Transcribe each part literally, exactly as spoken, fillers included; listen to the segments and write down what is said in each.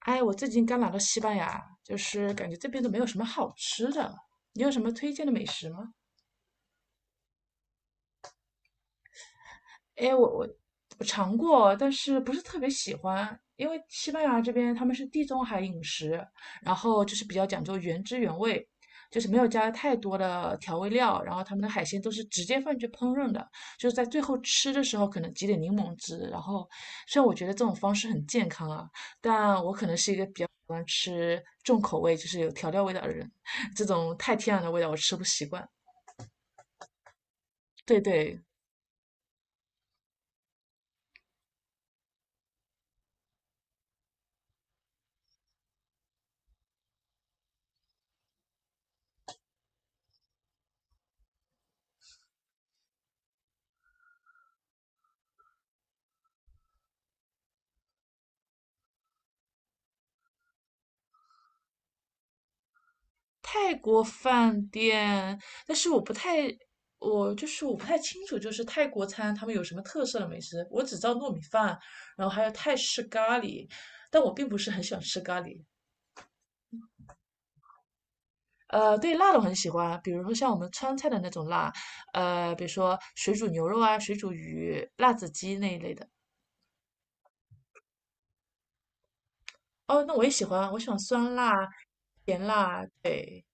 哎，我最近刚来到西班牙，就是感觉这边都没有什么好吃的，你有什么推荐的美食吗？哎，我我我尝过，但是不是特别喜欢，因为西班牙这边他们是地中海饮食，然后就是比较讲究原汁原味，就是没有加太多的调味料，然后他们的海鲜都是直接放进去烹饪的，就是在最后吃的时候可能挤点柠檬汁，然后虽然我觉得这种方式很健康啊，但我可能是一个比较喜欢吃重口味，就是有调料味道的人，这种太天然的味道我吃不习惯。对对，泰国饭店，但是我不太，我就是我不太清楚，就是泰国餐他们有什么特色的美食，我只知道糯米饭，然后还有泰式咖喱，但我并不是很喜欢吃咖喱。呃，对辣的我很喜欢，比如说像我们川菜的那种辣，呃，比如说水煮牛肉啊、水煮鱼、辣子鸡那一类的。哦，那我也喜欢，我喜欢酸辣、甜辣，对。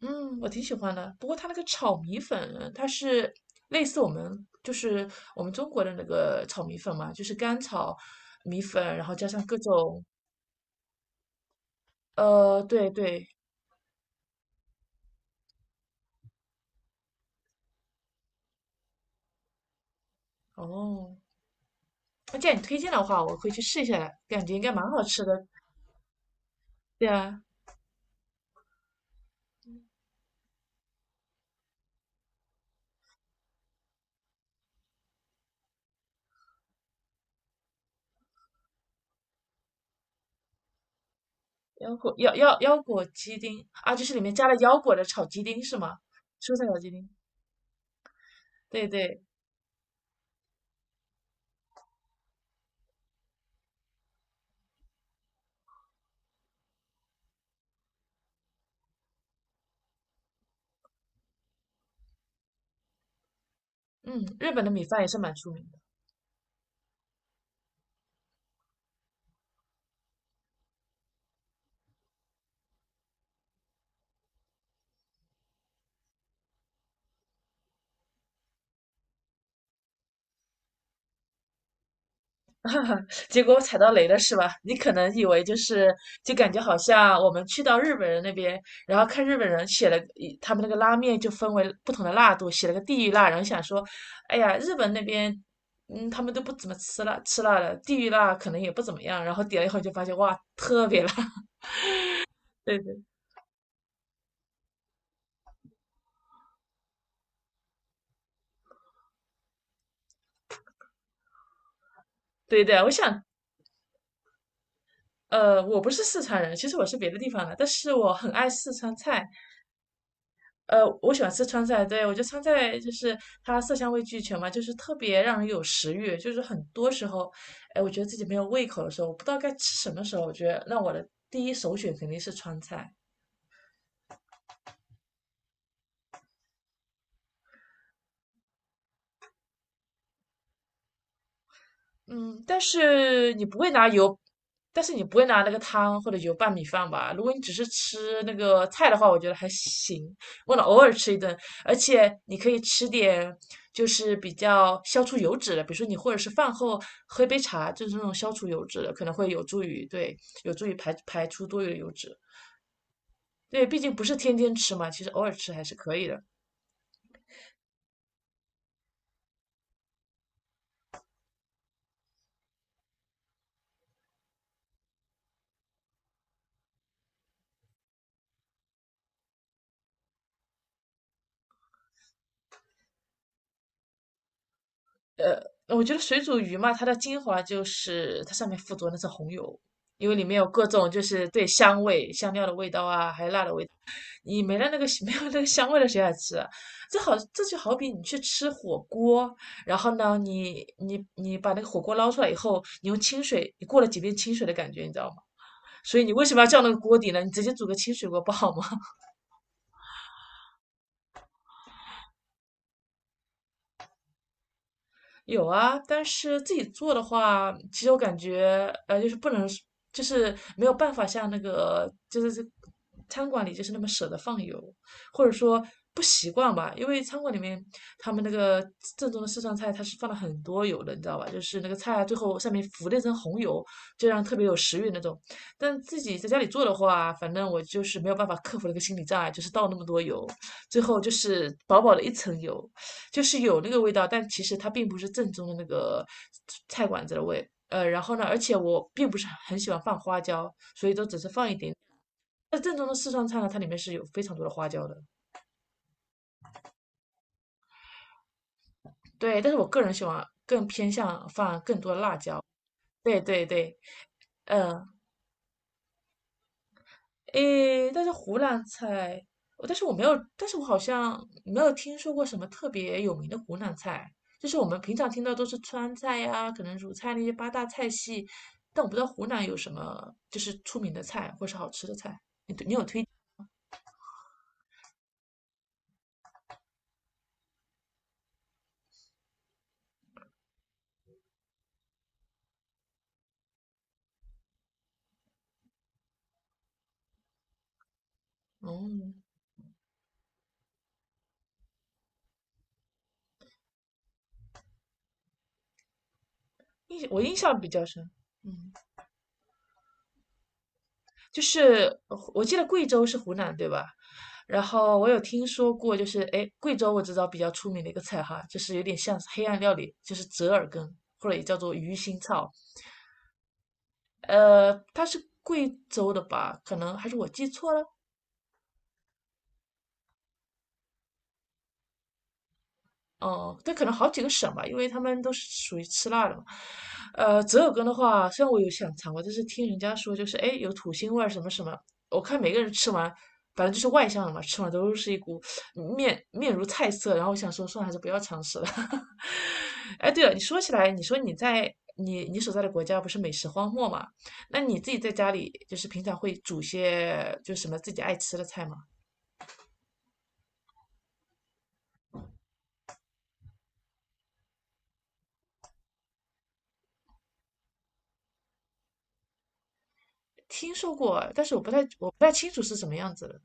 嗯，我挺喜欢的。不过它那个炒米粉，它是类似我们就是我们中国的那个炒米粉嘛，就是干炒米粉，然后加上各种呃，对对，哦。那既然你推荐的话，我会去试一下的，感觉应该蛮好吃的。对啊，腰果腰腰腰果鸡丁啊，就是里面加了腰果的炒鸡丁是吗？蔬菜炒鸡丁，对对，嗯，日本的米饭也是蛮出名的。结果我踩到雷了是吧？你可能以为就是就感觉好像我们去到日本人那边，然后看日本人写了一他们那个拉面就分为不同的辣度，写了个地狱辣，然后想说，哎呀，日本那边。嗯，他们都不怎么吃辣，吃辣的地狱辣可能也不怎么样。然后点了以后就发现，哇，特别辣。对对对对，我想，呃，我不是四川人，其实我是别的地方的，但是我很爱四川菜。呃，我喜欢吃川菜，对，我觉得川菜就是它色香味俱全嘛，就是特别让人有食欲。就是很多时候，哎，我觉得自己没有胃口的时候，我不知道该吃什么时候，我觉得那我的第一首选肯定是川菜。嗯，但是你不会拿油，但是你不会拿那个汤或者油拌米饭吧？如果你只是吃那个菜的话，我觉得还行，为了偶尔吃一顿，而且你可以吃点就是比较消除油脂的，比如说你或者是饭后喝一杯茶，就是那种消除油脂的，可能会有助于对，有助于排排出多余的油脂。对，毕竟不是天天吃嘛，其实偶尔吃还是可以的。呃，我觉得水煮鱼嘛，它的精华就是它上面附着那层红油，因为里面有各种就是对香味、香料的味道啊，还有辣的味道。你没了那个 没有那个香味了，谁来吃啊？这好，这就好比你去吃火锅，然后呢，你你你把那个火锅捞出来以后，你用清水，你过了几遍清水的感觉，你知道吗？所以你为什么要叫那个锅底呢？你直接煮个清水锅不好吗？有啊，但是自己做的话，其实我感觉，呃，就是不能，就是没有办法像那个，就是这餐馆里就是那么舍得放油，或者说不习惯吧，因为餐馆里面他们那个正宗的四川菜，它是放了很多油的，你知道吧？就是那个菜啊，最后上面浮了一层红油，就让特别有食欲那种。但自己在家里做的话，反正我就是没有办法克服那个心理障碍，就是倒那么多油，最后就是薄薄的一层油。就是有那个味道，但其实它并不是正宗的那个菜馆子的味。呃，然后呢，而且我并不是很喜欢放花椒，所以都只是放一点。那正宗的四川菜呢，它里面是有非常多的花椒的。对，但是我个人喜欢更偏向放更多的辣椒。对对对，嗯、诶，但是湖南菜，我但是我没有，但是我好像没有听说过什么特别有名的湖南菜，就是我们平常听到都是川菜呀、可能鲁菜那些八大菜系，但我不知道湖南有什么就是出名的菜或是好吃的菜。嗯，印我印象比较深，嗯，就是呃我记得贵州是湖南对吧？然后我有听说过，就是诶，贵州我知道比较出名的一个菜哈，就是有点像黑暗料理，就是折耳根或者也叫做鱼腥草。呃，他是贵州的吧？可能还是我记错了。哦、但可能好几个省吧，因为他们都是属于吃辣的嘛。呃，折耳根的话，虽然我有想尝过，但是听人家说就是哎有土腥味儿什么什么，我看每个人吃完，反正就是外向的嘛，吃完都是一股面面如菜色。然后我想说，算了，还是不要尝试了。哎，对了，你说起来，你说你在你你所在的国家不是美食荒漠嘛？那你自己在家里就是平常会煮些就什么自己爱吃的菜吗？听说过，但是我不太我不太清楚是什么样子的。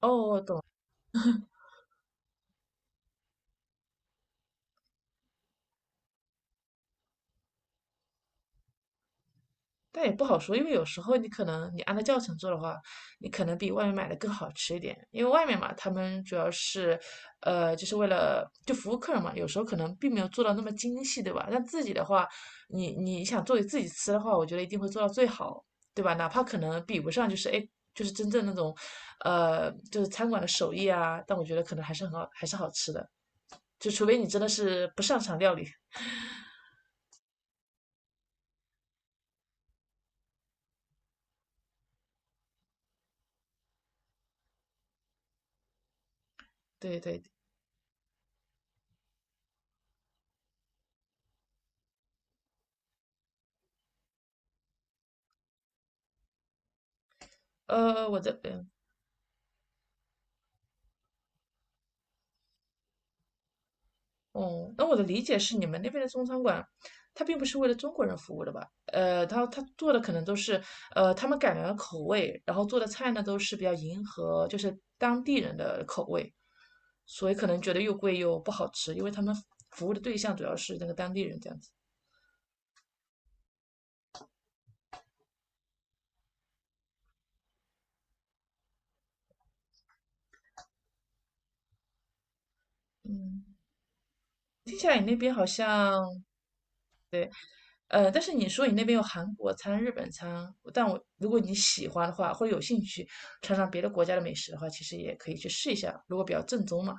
哦，我懂了，但也不好说，因为有时候你可能你按照教程做的话，你可能比外面买的更好吃一点，因为外面嘛，他们主要是，呃，就是为了就服务客人嘛，有时候可能并没有做到那么精细，对吧？但自己的话，你你想做给自己吃的话，我觉得一定会做到最好，对吧？哪怕可能比不上，就是哎，就是真正那种，呃，就是餐馆的手艺啊，但我觉得可能还是很好，还是好吃的，就除非你真的是不擅长料理。对对，呃，我的，嗯，哦，那我的理解是，你们那边的中餐馆，它并不是为了中国人服务的吧？呃，他他做的可能都是，呃，他们改良了口味，然后做的菜呢都是比较迎合就是当地人的口味，所以可能觉得又贵又不好吃，因为他们服务的对象主要是那个当地人这样子。嗯，听起来你那边好像呃，但是你说你那边有韩国餐、日本餐，但我如果你喜欢的话，或者有兴趣尝尝别的国家的美食的话，其实也可以去试一下，如果比较正宗嘛。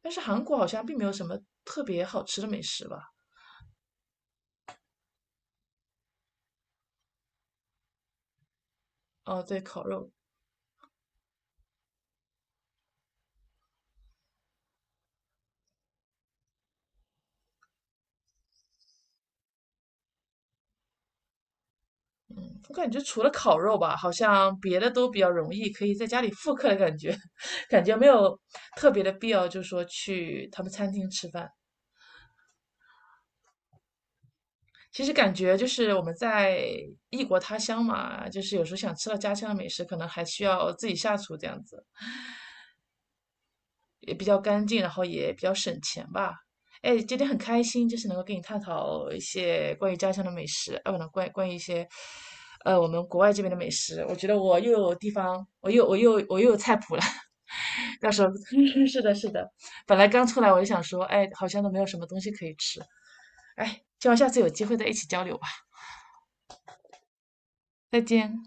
但是韩国好像并没有什么特别好吃的美食吧？哦，对，烤肉，我感觉除了烤肉吧，好像别的都比较容易，可以在家里复刻的感觉，感觉没有特别的必要，就是说去他们餐厅吃饭。其实感觉就是我们在异国他乡嘛，就是有时候想吃到家乡的美食，可能还需要自己下厨这样子。也比较干净，然后也比较省钱吧。哎，今天很开心，就是能够跟你探讨一些关于家乡的美食，啊，不能关关于一些，呃，我们国外这边的美食。我觉得我又有地方，我又我又我又有菜谱了。到时候 是的，是的。本来刚出来我就想说，哎，好像都没有什么东西可以吃。哎，希望下次有机会再一起交流吧。再见。